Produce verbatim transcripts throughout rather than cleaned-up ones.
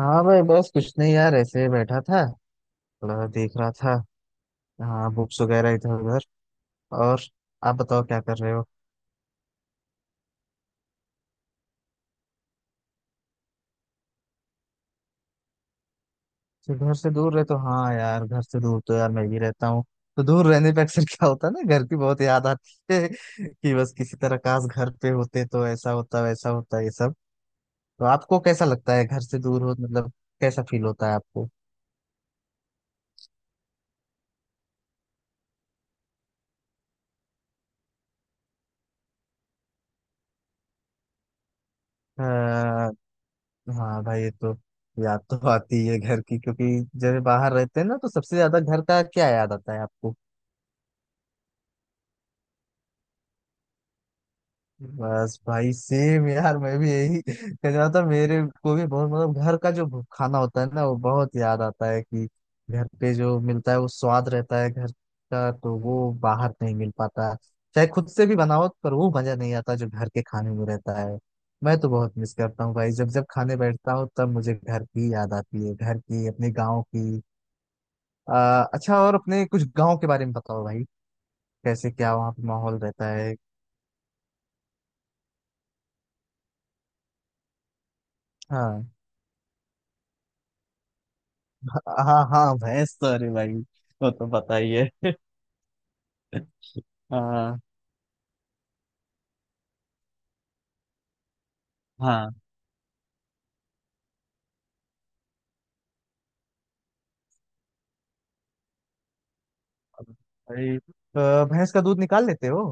हाँ भाई, बस कुछ नहीं यार, ऐसे ही बैठा था। थोड़ा देख रहा था। हाँ, बुक्स वगैरह इधर उधर। और आप बताओ क्या कर रहे हो? तो घर से दूर रहे तो हाँ यार, घर से दूर तो यार मैं भी रहता हूँ। तो दूर रहने पे अक्सर क्या होता है ना, घर की बहुत याद आती है कि बस किसी तरह काश घर पे होते तो ऐसा होता वैसा होता, ये सब। तो आपको कैसा लगता है घर से दूर हो, मतलब कैसा फील होता है आपको? आ, हाँ भाई, ये तो। याद तो आती है घर की, क्योंकि जब बाहर रहते हैं ना, तो सबसे ज्यादा घर का क्या याद आता है आपको? बस भाई, सेम यार, मैं भी यही कह रहा था। मेरे को भी बहुत मतलब घर का जो खाना होता है ना, वो बहुत याद आता है। कि घर पे जो मिलता है वो स्वाद रहता है घर का, तो वो बाहर नहीं मिल पाता। चाहे खुद से भी बनाओ पर वो मजा नहीं आता जो घर के खाने में रहता है। मैं तो बहुत मिस करता हूँ भाई, जब जब खाने बैठता हूँ तब मुझे घर की याद आती है, घर की, अपने गाँव की। आ, अच्छा, और अपने कुछ गाँव के बारे में बताओ भाई। कैसे क्या वहाँ पे माहौल रहता है? हाँ। हाँ हाँ, भैंस तो अरे भाई, वो तो पता ही है। हाँ। हाँ भाई, अ, भैंस का दूध निकाल लेते हो?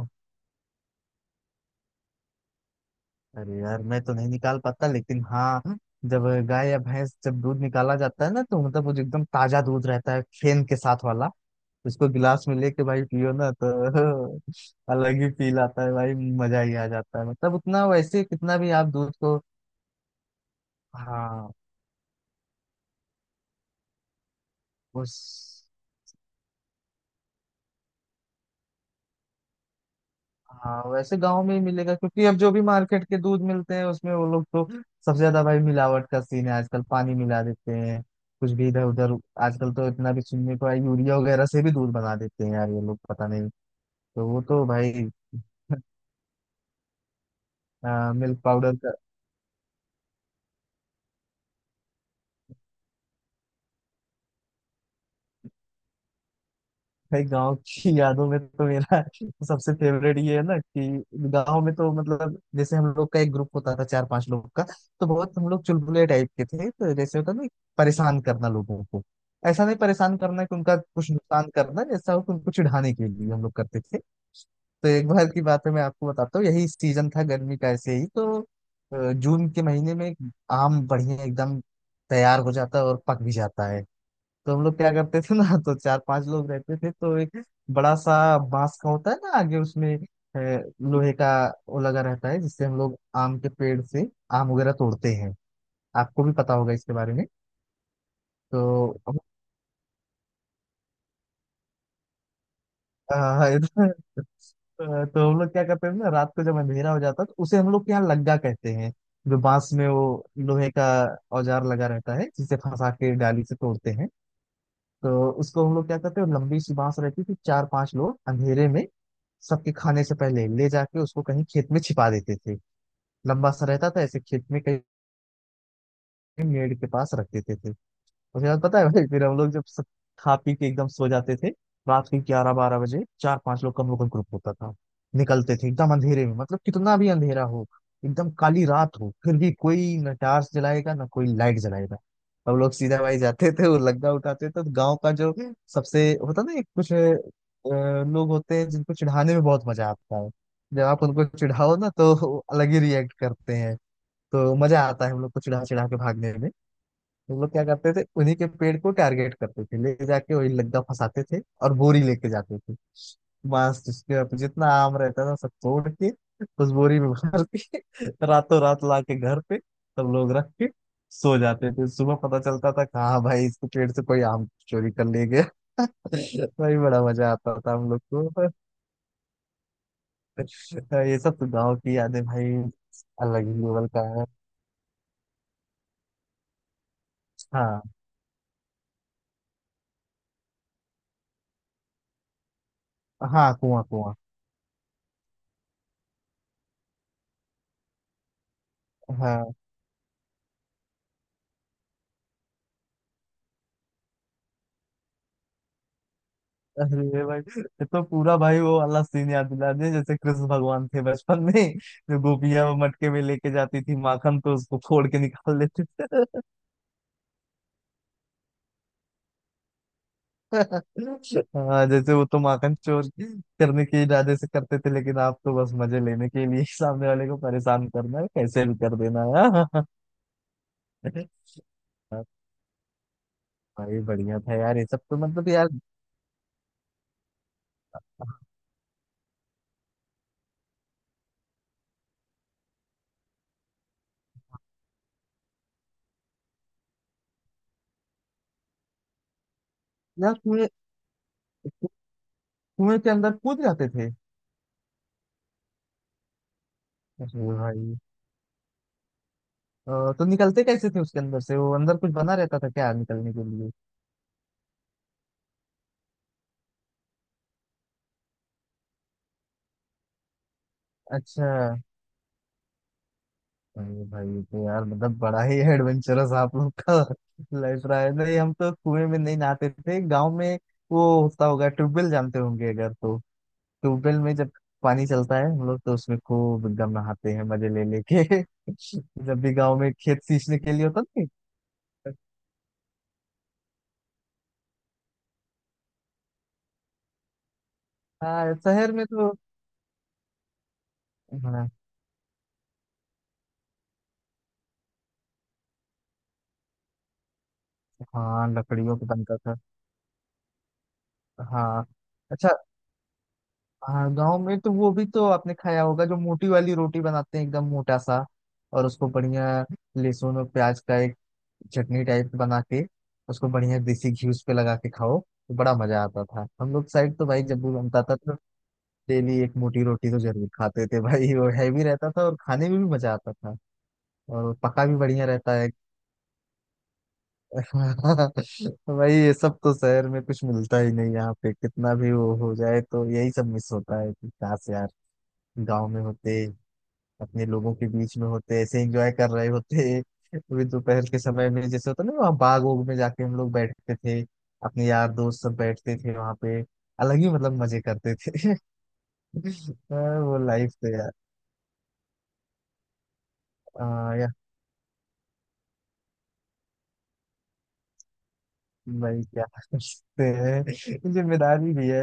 अरे यार, मैं तो नहीं निकाल पाता, लेकिन हाँ, जब गाय या भैंस जब दूध निकाला जाता है ना, तो मतलब वो जो एकदम ताजा दूध रहता है फेन के साथ वाला, उसको गिलास में लेके भाई पियो ना, तो अलग ही फील आता है भाई। मजा ही आ जाता है, मतलब उतना वैसे कितना भी आप दूध को। हाँ। उस। हाँ, वैसे गांव में ही मिलेगा, क्योंकि अब जो भी मार्केट के दूध मिलते हैं उसमें वो लोग तो सबसे ज्यादा भाई मिलावट का सीन है आजकल, पानी मिला देते हैं कुछ भी इधर उधर। आजकल तो इतना भी सुनने को है, यूरिया वगैरह से भी दूध बना देते हैं यार ये लोग, पता नहीं। तो वो तो भाई मिल्क पाउडर। भाई, गांव की यादों में तो मेरा सबसे फेवरेट ये है ना, कि गांव में तो मतलब जैसे हम लोग का एक ग्रुप होता था चार पांच लोग का। तो बहुत हम लोग चुलबुले टाइप के थे, तो जैसे होता ना, परेशान करना लोगों को। ऐसा नहीं परेशान करना कि उनका कुछ नुकसान करना जैसा हो, कि उनको चिढ़ाने के लिए हम लोग करते थे। तो एक बार की बात है, मैं आपको बताता हूँ। यही सीजन था गर्मी का, ऐसे ही तो अ, जून के महीने में आम बढ़िया एकदम तैयार हो जाता है और पक भी जाता है। तो हम लोग क्या करते थे ना, तो चार पांच लोग रहते थे, तो एक बड़ा सा बांस का होता है ना आगे उसमें अ, लोहे का वो लगा रहता है, जिससे हम लोग आम के पेड़ से आम वगैरह तोड़ते हैं। आपको भी पता होगा इसके बारे में। तो अ, इधर- अ, तो हम लोग क्या करते थे ना, रात को जब अंधेरा हो जाता, तो उसे हम लोग के यहाँ लग्गा कहते हैं, जो बांस में वो लोहे का औजार लगा रहता है जिसे फंसा के डाली से तोड़ते हैं। तो उसको हम लोग क्या करते हैं, लंबी सी बांस रहती थी, चार पांच लोग अंधेरे में सबके खाने से पहले ले जाके उसको कहीं खेत में छिपा देते थे। लंबा सा रहता था ऐसे, खेत में कहीं मेड़ के पास रख देते थे। उसके बाद पता है भाई, फिर हम लोग जब सब खा पी के एकदम सो जाते थे, रात के ग्यारह बारह बजे चार पांच लोग का हम लोग का ग्रुप होता था, निकलते थे एकदम अंधेरे में। मतलब कितना भी अंधेरा हो, एकदम काली रात हो, फिर भी कोई न टार्च जलाएगा ना कोई लाइट जलाएगा। हम लोग सीधा भाई जाते थे और लग्गा उठाते थे। तो गांव का जो सबसे होता ना, एक कुछ अ, लोग होते हैं जिनको चिढ़ाने में बहुत मजा आता है। जब आप उनको चिढ़ाओ ना, तो वो अलग ही रिएक्ट करते हैं। तो मजा आता है हम लोग को चिढ़ा चिढ़ा के भागने में। हम लोग क्या करते थे, उन्हीं के पेड़ को टारगेट करते थे, ले जाके वही लग्गा फंसाते थे और बोरी लेके जाते थे। बस उसके बाद जितना आम रहता था सब तोड़ के, उस बोरी में भर के रातों रात ला के घर पे सब लोग रख के सो जाते थे। सुबह पता चलता था, कहाँ भाई, इसके पेड़ से कोई आम चोरी कर ले गया भाई, बड़ा मजा आता था हम लोग को। तो ये सब तो गाँव की यादें भाई। अलग ही लेवल का है। हाँ। हाँ, कुआं कुआं। हाँ। अरे भाई, ये तो पूरा भाई वो वाला सीन याद दिला दिया, जैसे कृष्ण भगवान थे बचपन में, जो गोपियां वो मटके में लेके जाती थी माखन, तो उसको फोड़ के निकाल लेते थे। हाँ, जैसे वो तो माखन चोर करने के इरादे से करते थे, लेकिन आप तो बस मजे लेने के लिए सामने वाले को परेशान करना है कैसे भी कर देना है। हाँ, भाई बढ़िया था यार, ये सब तो मतलब यार। यार, कुएं, कुएं के अंदर कूद जाते थे? अरे भाई, अ, तो निकलते कैसे थे उसके अंदर से? वो अंदर कुछ बना रहता था क्या निकलने के लिए? अच्छा। अरे भाई, ये तो यार मतलब बड़ा ही एडवेंचरस आप लोग का लाइफ रहा है। नहीं, हम तो कुएं में नहीं नहाते थे गांव में। वो होता होगा ट्यूबवेल, जानते होंगे अगर, तो ट्यूबवेल में जब पानी चलता है हम लोग तो उसमें खूब एकदम नहाते हैं मजे ले लेके जब भी गांव में खेत सींचने के लिए होता, नहीं। हाँ, शहर में तो। हाँ हाँ, लकड़ियों का बनता था। हाँ। अच्छा। हाँ, गाँव में तो वो भी तो आपने खाया होगा, जो मोटी वाली रोटी बनाते हैं एकदम मोटा सा, और उसको बढ़िया लहसुन और प्याज का एक चटनी टाइप बना के, उसको बढ़िया देसी घी उस पे लगा के खाओ, तो बड़ा मजा आता था हम लोग साइड तो भाई, जब भी बनता था तो। डेली एक मोटी रोटी तो जरूर खाते थे भाई, वो हैवी रहता था और खाने में भी मजा आता था। और पका भी बढ़िया रहता है। भाई, ये सब तो शहर में कुछ मिलता ही नहीं, यहाँ पे कितना भी वो हो जाए, तो यही सब मिस होता है कि काश यार गाँव में होते, अपने लोगों के बीच में होते, ऐसे एंजॉय कर रहे होते। अभी दोपहर के समय में जैसे होता है ना, वहाँ बाग ओग में जाके हम लोग बैठते थे, अपने यार दोस्त सब बैठते थे वहाँ पे, अलग ही मतलब मजे करते थे आ, वो लाइफ तो यार। आ, यार, भाई क्या करते हैं, जिम्मेदारी भी है।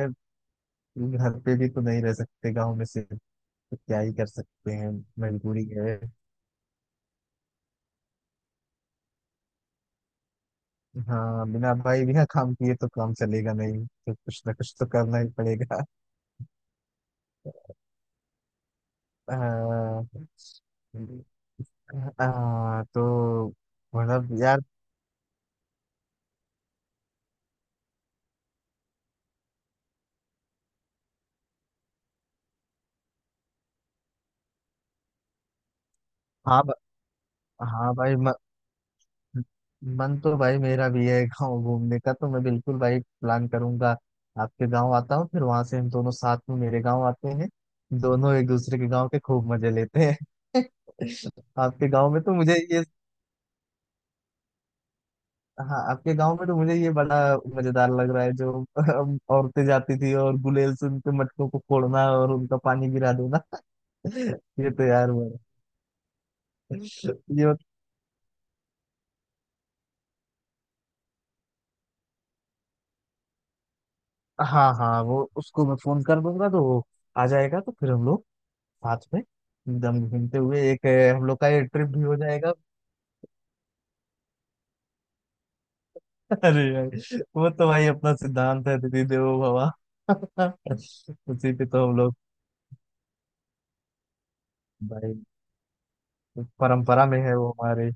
घर पे भी तो नहीं रह सकते गाँव में से, तो क्या ही कर सकते हैं। मजबूरी है। हाँ, बिना भाई बिना काम किए तो काम चलेगा नहीं, तो कुछ ना कुछ तो करना ही पड़ेगा। आ, आ, तो मतलब यार। हाँ, ब- हाँ भाई, म, मन तो भाई मेरा भी है गाँव घूमने का, तो मैं बिल्कुल भाई प्लान करूंगा। आपके गाँव आता हूँ, फिर वहां से हम दोनों साथ में मेरे गाँव आते हैं। दोनों एक दूसरे के गाँव के खूब मजे लेते हैं। आपके गाँव में तो मुझे ये। हाँ, आपके गाँव में तो मुझे ये बड़ा मजेदार लग रहा है, जो औरतें जाती थी और गुलेल से उनके मटकों को फोड़ना और उनका पानी गिरा देना ये तो यार बड़ा। ये। हाँ हाँ, वो उसको मैं फोन कर दूंगा, तो वो आ जाएगा, तो फिर हम लोग साथ में एकदम घूमते हुए एक अ, हम लोग का ये ट्रिप भी हो जाएगा। अरे यार, वो तो भाई अपना सिद्धांत है, दीदी देवो भवा। उसी पे तो हम लोग। भाई, परंपरा में है वो हमारे।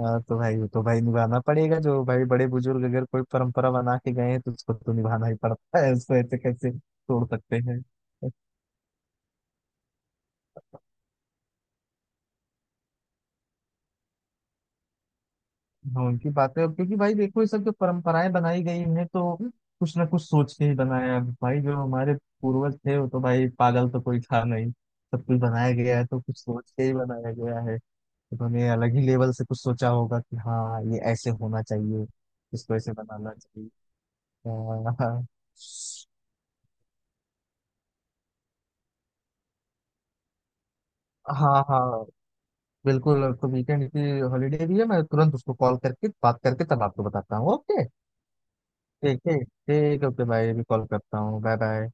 हाँ तो भाई, वो तो भाई निभाना पड़ेगा। जो भाई बड़े बुजुर्ग अगर कोई परंपरा बना के गए हैं, तो उसको तो निभाना ही पड़ता है, उसको ऐसे कैसे तोड़ सकते हैं। हाँ, उनकी बातें। अब क्योंकि भाई देखो, ये सब जो परंपराएं बनाई गई हैं, तो कुछ ना कुछ सोच के ही बनाया है। भाई जो हमारे पूर्वज थे, वो तो भाई पागल तो कोई था नहीं, सब कुछ बनाया गया है तो कुछ सोच के ही बनाया गया है। उन्होंने अलग ही लेवल से कुछ सोचा होगा कि हाँ ये ऐसे होना चाहिए, इसको ऐसे बनाना चाहिए। हाँ। हाँ हाँ, बिल्कुल। तो वीकेंड की हॉलीडे भी है, मैं तुरंत उसको कॉल करके बात करके तब आपको बताता हूँ, ओके? ठीक ठीक ठीक, ओके भाई, अभी कॉल करता हूँ, बाय बाय।